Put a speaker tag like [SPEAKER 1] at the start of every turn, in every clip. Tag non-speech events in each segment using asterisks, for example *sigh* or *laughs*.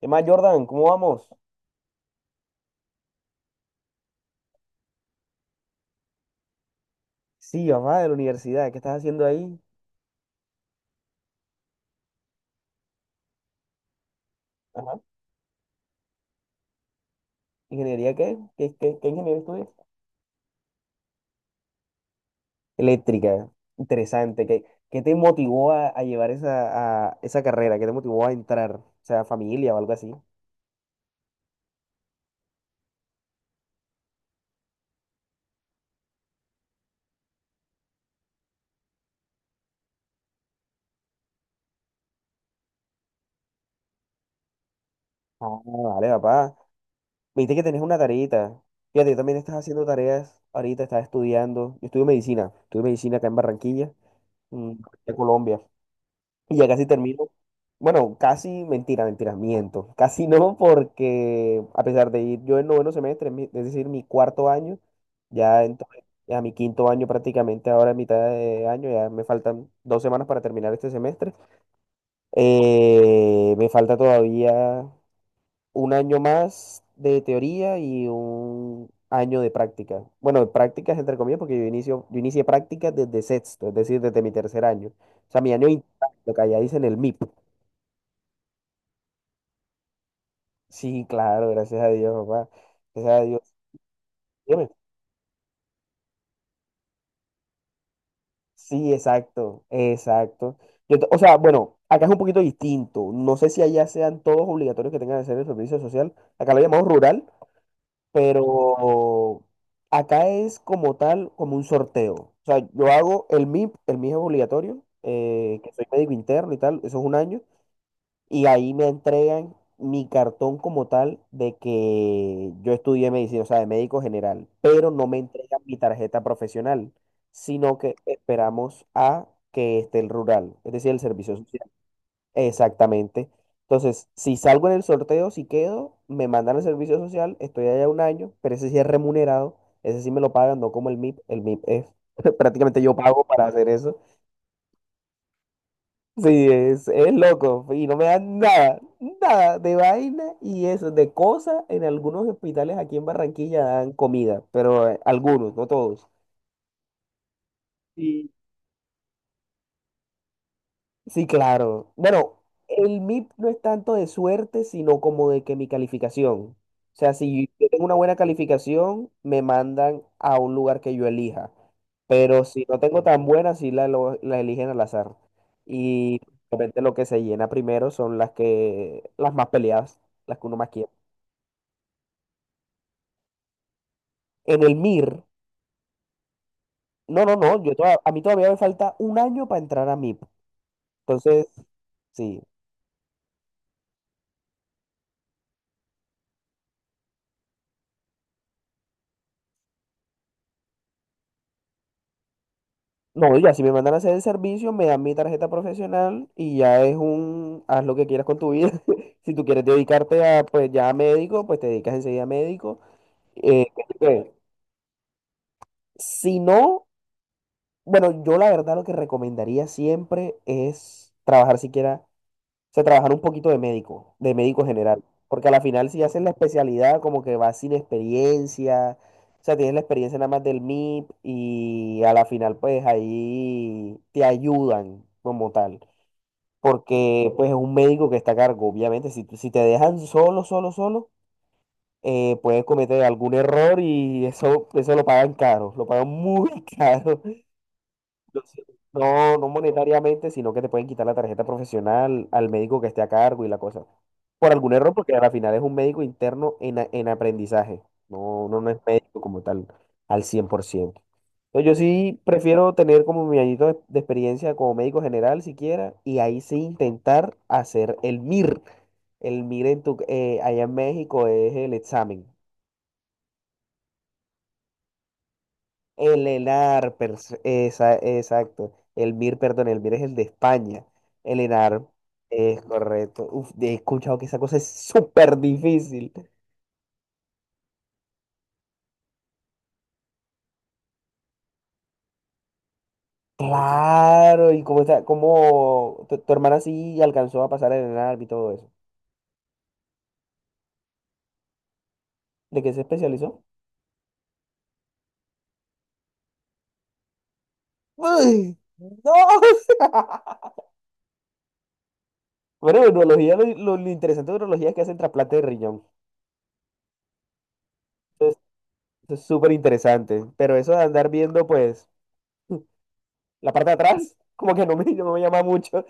[SPEAKER 1] ¿Qué más, Jordan? ¿Cómo vamos? Sí, mamá, de la universidad. ¿Qué estás haciendo ahí? Ajá. ¿Ingeniería qué? ¿Qué ingeniería estudias? Eléctrica. Interesante. ¿Qué te motivó a llevar a esa carrera? ¿Qué te motivó a entrar? O sea, familia o algo así. Ah, vale, papá. Viste que tenés una tareita. Fíjate, yo también estás haciendo tareas ahorita, estás estudiando. Yo estudio medicina. Estudio medicina acá en Barranquilla, mm, de Colombia. Y ya casi termino. Bueno, casi, mentira, miento. Casi no, porque a pesar de ir yo en noveno semestre, es decir, mi cuarto año, ya entré a mi quinto año prácticamente ahora en mitad de año, ya me faltan dos semanas para terminar este semestre. Me falta todavía un año más de teoría y un año de práctica. Bueno, de prácticas entre comillas, porque yo inicié prácticas desde sexto, es decir, desde mi tercer año. O sea, lo que allá dicen el MIP. Sí, claro, gracias a Dios, papá. Gracias a Dios. Dígame. Sí, exacto, exacto. O sea, bueno, acá es un poquito distinto. No sé si allá sean todos obligatorios que tengan que hacer el servicio social. Acá lo llamamos rural, pero acá es como tal, como un sorteo. O sea, yo hago el MIP, el MIP es obligatorio, que soy médico interno y tal, eso es un año. Y ahí me entregan mi cartón como tal de que yo estudié medicina, o sea, de médico general, pero no me entregan mi tarjeta profesional, sino que esperamos a que esté el rural, es decir, el servicio social. Exactamente. Entonces, si salgo en el sorteo, si quedo, me mandan al servicio social, estoy allá un año, pero ese sí es remunerado, ese sí me lo pagan, no como el MIP, el MIP es *laughs* prácticamente yo pago para hacer eso. Sí, es loco y no me dan nada, nada de vaina y eso, de cosas. En algunos hospitales aquí en Barranquilla dan comida, pero algunos, no todos. Sí, claro. Bueno, el MIP no es tanto de suerte, sino como de que mi calificación. O sea, si yo tengo una buena calificación, me mandan a un lugar que yo elija. Pero si no tengo tan buena, la eligen al azar. Y obviamente lo que se llena primero son las que, las más peleadas, las que uno más quiere. En el MIR, no, no, no, a mí todavía me falta un año para entrar a MIP. Entonces, sí. No, ya si me mandan a hacer el servicio, me dan mi tarjeta profesional y ya es haz lo que quieras con tu vida. *laughs* Si tú quieres dedicarte a, pues ya a médico, pues te dedicas enseguida a médico. ¿Qué te queda? Si no, bueno, yo la verdad lo que recomendaría siempre es trabajar siquiera, o sea, trabajar un poquito de médico general. Porque a la final si haces la especialidad, como que vas sin experiencia, o sea, tienes la experiencia nada más del MIP y a la final pues ahí te ayudan como tal. Porque pues es un médico que está a cargo. Obviamente, si te dejan solo, solo, solo, puedes cometer algún error y eso lo pagan caro, lo pagan muy *laughs* caro. Entonces, no, no monetariamente, sino que te pueden quitar la tarjeta profesional al médico que esté a cargo y la cosa. Por algún error, porque al final es un médico interno en aprendizaje. No, no, no es médico como tal al 100% no. Yo sí prefiero tener como mi añito de experiencia como médico general siquiera y ahí sí intentar hacer el MIR. El MIR allá en México es el examen. El ENAR, exacto. El MIR, perdón, el MIR es el de España. El ENAR es correcto. Uf, he escuchado que esa cosa es súper difícil. Claro, y cómo está, cómo tu hermana sí alcanzó a pasar el ENAR y todo eso. ¿De qué se especializó? Uy, no. *laughs* Bueno, en urología, lo interesante de urología es que hacen trasplante de riñón. Eso es, eso es súper interesante. Pero eso de andar viendo, pues, *laughs* la parte de atrás, como que no me llama mucho.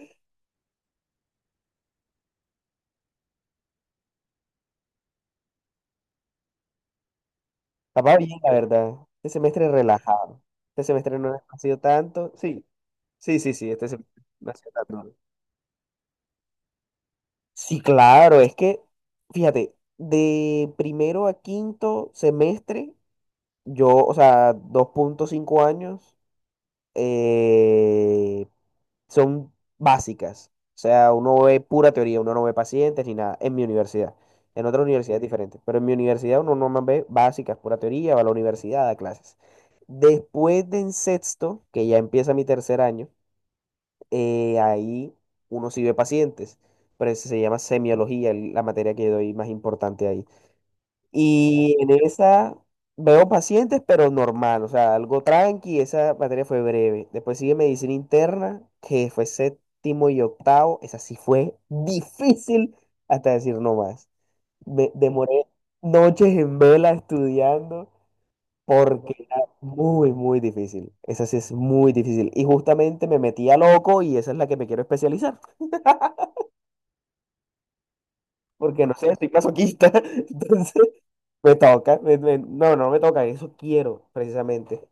[SPEAKER 1] Estaba bien, la verdad. Este semestre relajado. Este semestre no ha sido tanto. Sí, sí, sí, sí, este semestre no ha sido tanto. Sí, claro, es que, fíjate, de primero a quinto semestre, yo, o sea, dos punto cinco años, eh, son básicas. O sea, uno ve pura teoría, uno no ve pacientes ni nada en mi universidad. En otra universidad es diferente, pero en mi universidad uno nomás ve básicas, pura teoría, va a la universidad, da clases. Después de en sexto, que ya empieza mi tercer año, ahí uno sí ve pacientes, pero eso se llama semiología, la materia que doy más importante ahí. Y en esa veo pacientes, pero normal, o sea, algo tranqui, esa materia fue breve. Después sigue medicina interna, que fue séptimo y octavo, esa sí fue difícil hasta decir no más. Me demoré noches en vela estudiando porque era muy, muy difícil. Esa sí es muy difícil. Y justamente me metí a loco y esa es la que me quiero especializar. *laughs* Porque no sé, estoy masoquista. *laughs* Entonces... Me toca, me- me- no, no me toca, eso quiero, precisamente.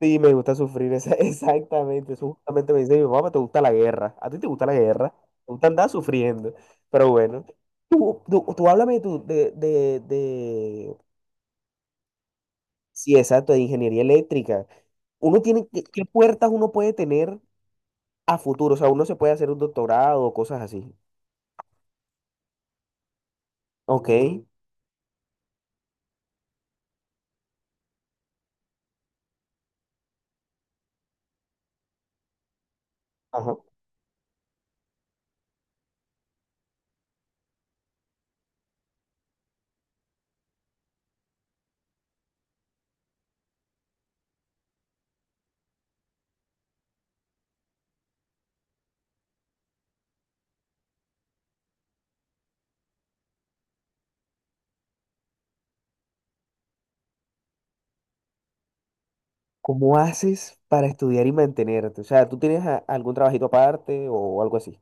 [SPEAKER 1] Sí, me gusta sufrir, *laughs* exactamente. Eso justamente me dice mi mamá: "Pues, te gusta la guerra. A ti te gusta la guerra, te gusta andar sufriendo." Pero bueno, tú háblame tú sí, exacto, de ingeniería eléctrica. Uno tiene, ¿qué puertas uno puede tener a futuro? O sea, uno se puede hacer un doctorado o cosas así. Ok. Ajá. ¿Cómo haces para estudiar y mantenerte? O sea, ¿tú tienes algún trabajito aparte o algo así?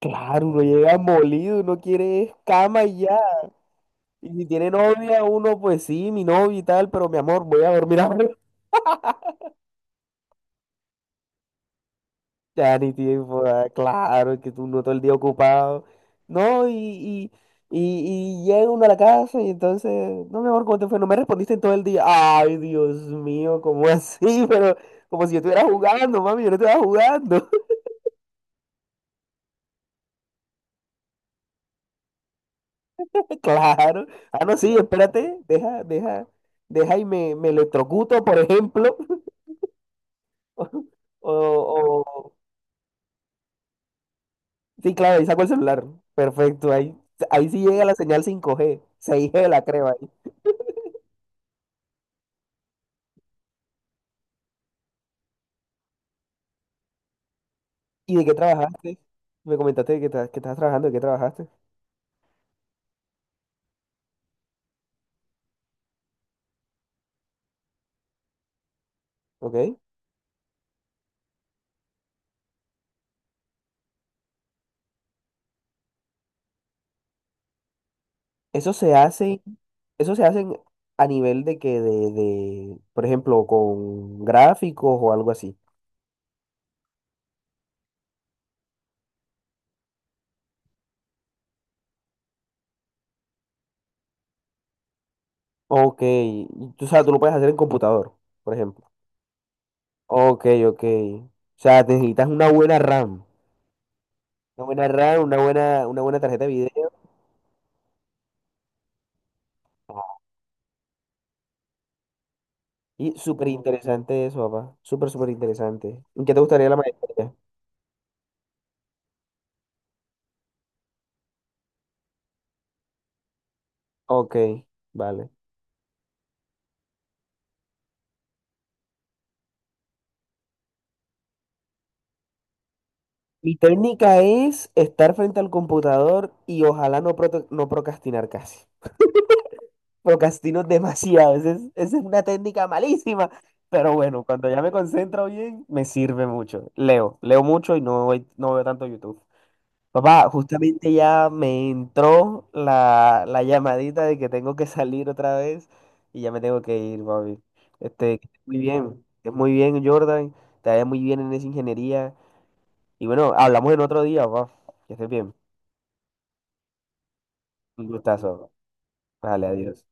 [SPEAKER 1] Claro, uno llega molido, uno quiere es cama y ya. Y si tiene novia, uno pues sí, mi novia y tal, pero mi amor, voy a dormir ahora. *laughs* Ya ni tiempo, ah, claro, que tú no todo el día ocupado. No, y llega uno a la casa y entonces, no, mi amor, ¿cómo te fue? No me respondiste en todo el día. Ay, Dios mío, ¿cómo *laughs* así? Pero como si yo estuviera jugando, mami, yo no estaba jugando. *laughs* Claro. Ah, no, sí, espérate, deja, deja, deja y me electrocuto, por ejemplo. *laughs* O, o- Sí, claro, ahí saco el celular. Perfecto, ahí sí llega la señal 5G 6G la crema ahí. ¿Y de qué trabajaste? Me comentaste de que, que estás trabajando, de qué trabajaste. ¿Ok? Eso se hace, eso se hacen a nivel de que de, por ejemplo, con gráficos o algo así. Ok, y sabes tú lo puedes hacer en computador, por ejemplo. Ok, ok. O sea, necesitas una buena RAM. Una buena RAM, una buena tarjeta de video. Y súper interesante eso, papá. Súper, súper interesante. ¿En qué te gustaría la maestría? Ok, vale. Mi técnica es estar frente al computador y ojalá no, no procrastinar casi. Procrastino *laughs* demasiado. Esa es una técnica malísima. Pero bueno, cuando ya me concentro bien, me sirve mucho. Leo mucho y no, no veo tanto YouTube. Papá, justamente ya me entró la llamadita de que tengo que salir otra vez y ya me tengo que ir, papi. Este, que estés muy bien, que estés muy bien, Jordan, te vaya muy bien en esa ingeniería. Y bueno, hablamos en otro día, papá. Que estés bien. Un gustazo. Vale, adiós.